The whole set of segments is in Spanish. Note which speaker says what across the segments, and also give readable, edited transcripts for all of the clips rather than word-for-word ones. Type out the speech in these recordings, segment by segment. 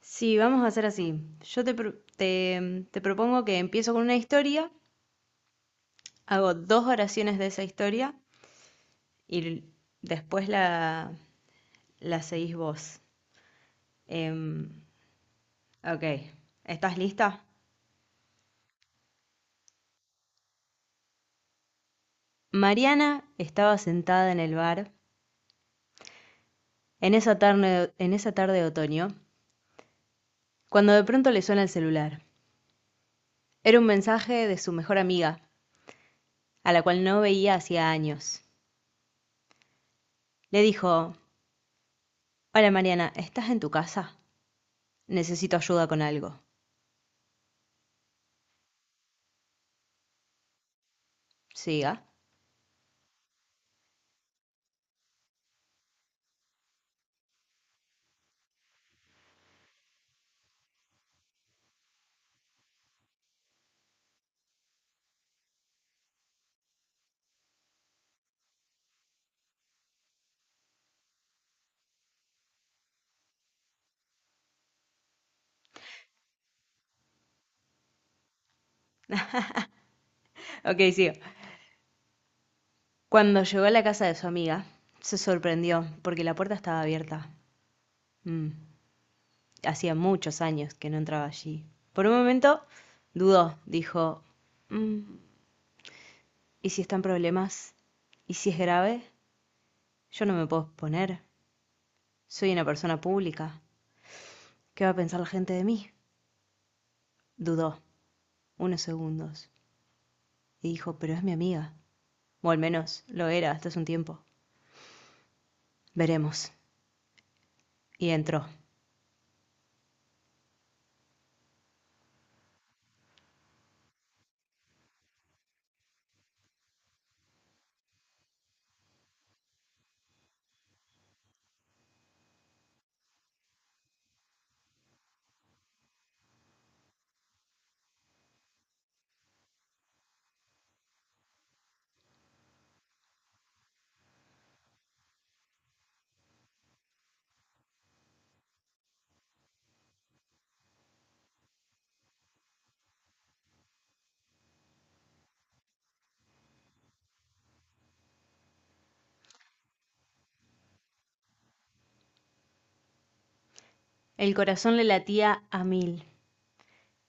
Speaker 1: Sí, vamos a hacer así. Yo te propongo que empiezo con una historia, hago dos oraciones de esa historia y l- después la seguís vos. Em, ok, ¿estás lista? Mariana estaba sentada en el bar en esa tarde de otoño, cuando de pronto le suena el celular. Era un mensaje de su mejor amiga, a la cual no veía hacía años. Le dijo, hola Mariana, ¿estás en tu casa? Necesito ayuda con algo. Siga. Ok, sigo. Cuando llegó a la casa de su amiga, se sorprendió porque la puerta estaba abierta. Mm, Hacía muchos años que no entraba allí. Por un momento dudó, dijo, "Mm, ¿y si están problemas? ¿Y si es grave? Yo no me puedo exponer. Soy una persona pública. ¿Qué va a pensar la gente de mí?" Dudó unos segundos y dijo, pero es mi amiga. O al menos lo era hasta hace un tiempo. Veremos. Y entró. El corazón le latía a mil.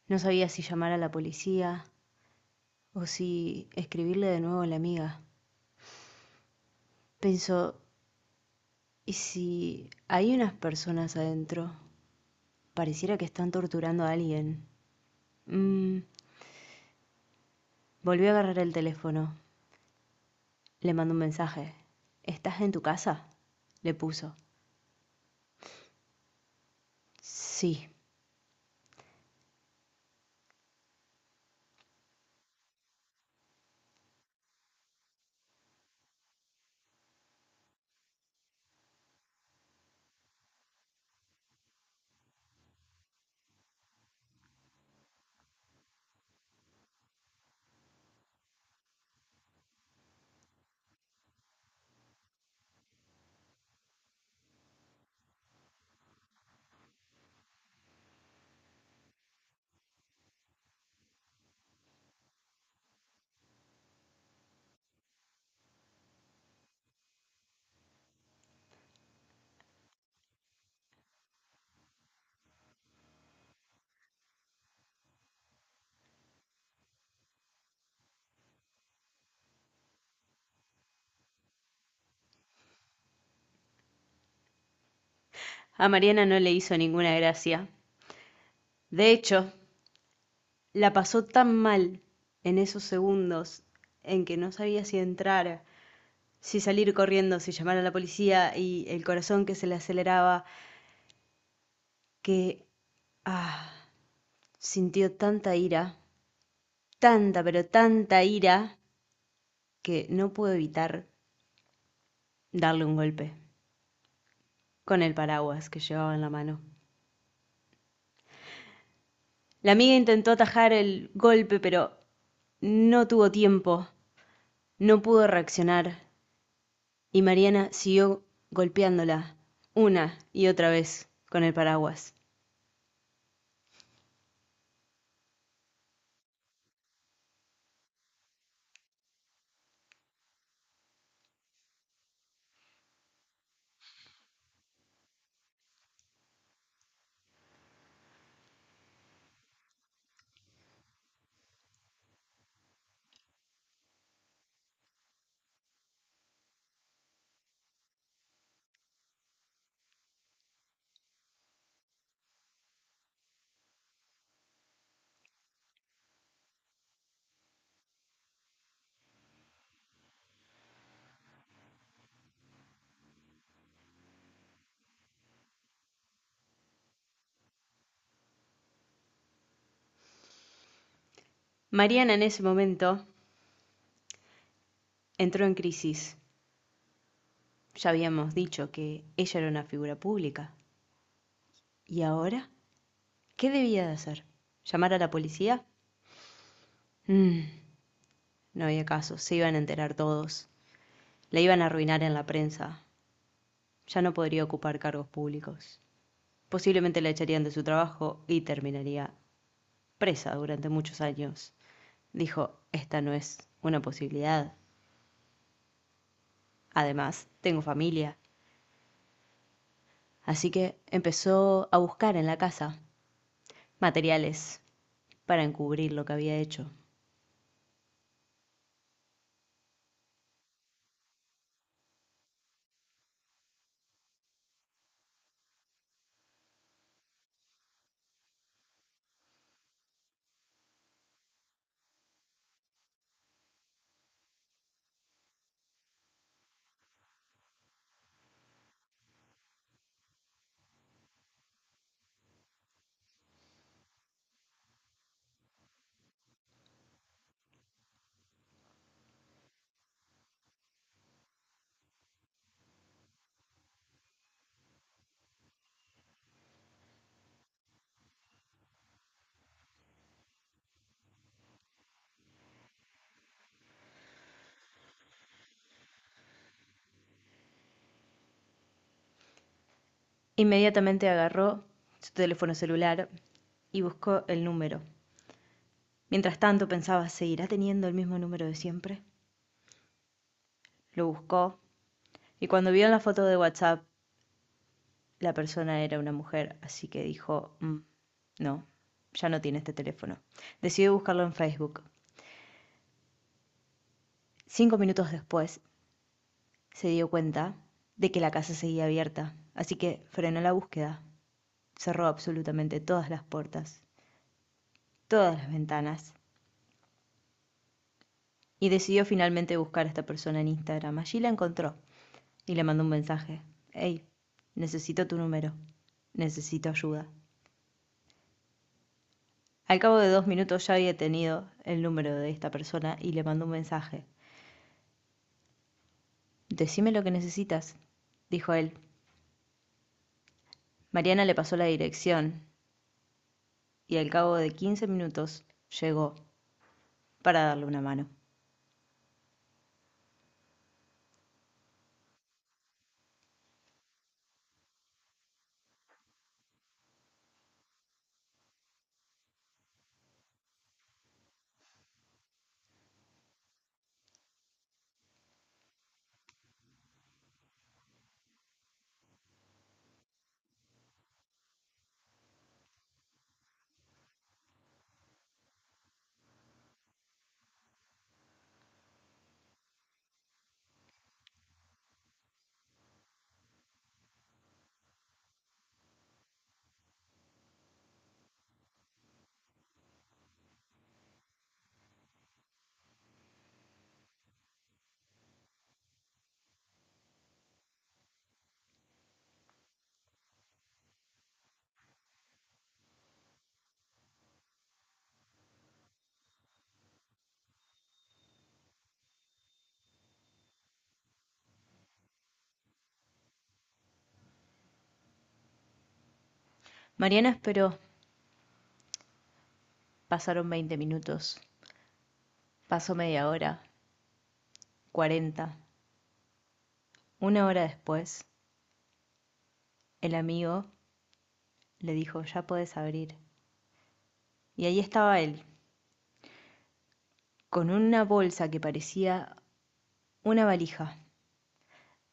Speaker 1: No sabía si llamar a la policía o si escribirle de nuevo a la amiga. Pensó, ¿y si hay unas personas adentro? Pareciera que están torturando a alguien. Mm, Volvió a agarrar el teléfono. Le mandó un mensaje. ¿Estás en tu casa? Le puso. Sí. A Mariana no le hizo ninguna gracia. De hecho, la pasó tan mal en esos segundos en que no sabía si entrar, si salir corriendo, si llamar a la policía y el corazón que se le aceleraba, que ah, sintió tanta ira, tanta, pero tanta ira, que no pudo evitar darle un golpe con el paraguas que llevaba en la mano. La amiga intentó atajar el golpe, pero no tuvo tiempo, no pudo reaccionar, y Mariana siguió golpeándola una y otra vez con el paraguas. Mariana en ese momento entró en crisis. Ya habíamos dicho que ella era una figura pública. ¿Y ahora? ¿Qué debía de hacer? ¿Llamar a la policía? Mm, no había caso, se iban a enterar todos. La iban a arruinar en la prensa. Ya no podría ocupar cargos públicos. Posiblemente la echarían de su trabajo y terminaría presa durante muchos años. Dijo, esta no es una posibilidad. Además, tengo familia. Así que empezó a buscar en la casa materiales para encubrir lo que había hecho. Inmediatamente agarró su teléfono celular y buscó el número. Mientras tanto pensaba, ¿seguirá teniendo el mismo número de siempre? Lo buscó y cuando vio en la foto de WhatsApp, la persona era una mujer, así que dijo, no, ya no tiene este teléfono." Decidió buscarlo en Facebook. 5 minutos después se dio cuenta de que la casa seguía abierta, así que frenó la búsqueda. Cerró absolutamente todas las puertas, todas las ventanas. Y decidió finalmente buscar a esta persona en Instagram. Allí la encontró y le mandó un mensaje. Hey, necesito tu número. Necesito ayuda. Al cabo de 2 minutos ya había tenido el número de esta persona y le mandó un mensaje. Decime lo que necesitas, dijo él. Mariana le pasó la dirección y al cabo de 15 minutos llegó para darle una mano. Mariana esperó. Pasaron 20 minutos. Pasó media hora, 40. Una hora después, el amigo le dijo, ya puedes abrir. Y ahí estaba él, con una bolsa que parecía una valija.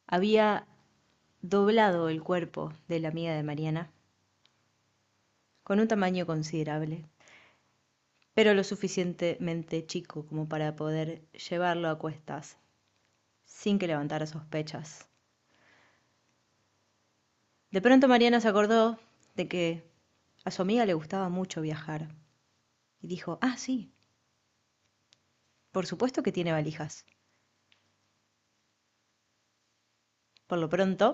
Speaker 1: Había doblado el cuerpo de la amiga de Mariana, con un tamaño considerable, pero lo suficientemente chico como para poder llevarlo a cuestas, sin que levantara sospechas. De pronto Mariana se acordó de que a su amiga le gustaba mucho viajar, y dijo, ah, sí, por supuesto que tiene valijas. Por lo pronto,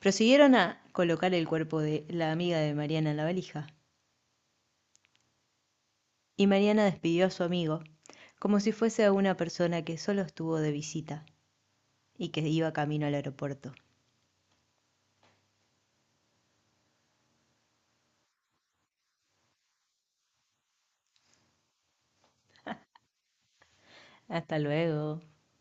Speaker 1: prosiguieron a colocar el cuerpo de la amiga de Mariana en la valija, y Mariana despidió a su amigo, como si fuese a una persona que solo estuvo de visita y que iba camino al aeropuerto. Hasta luego.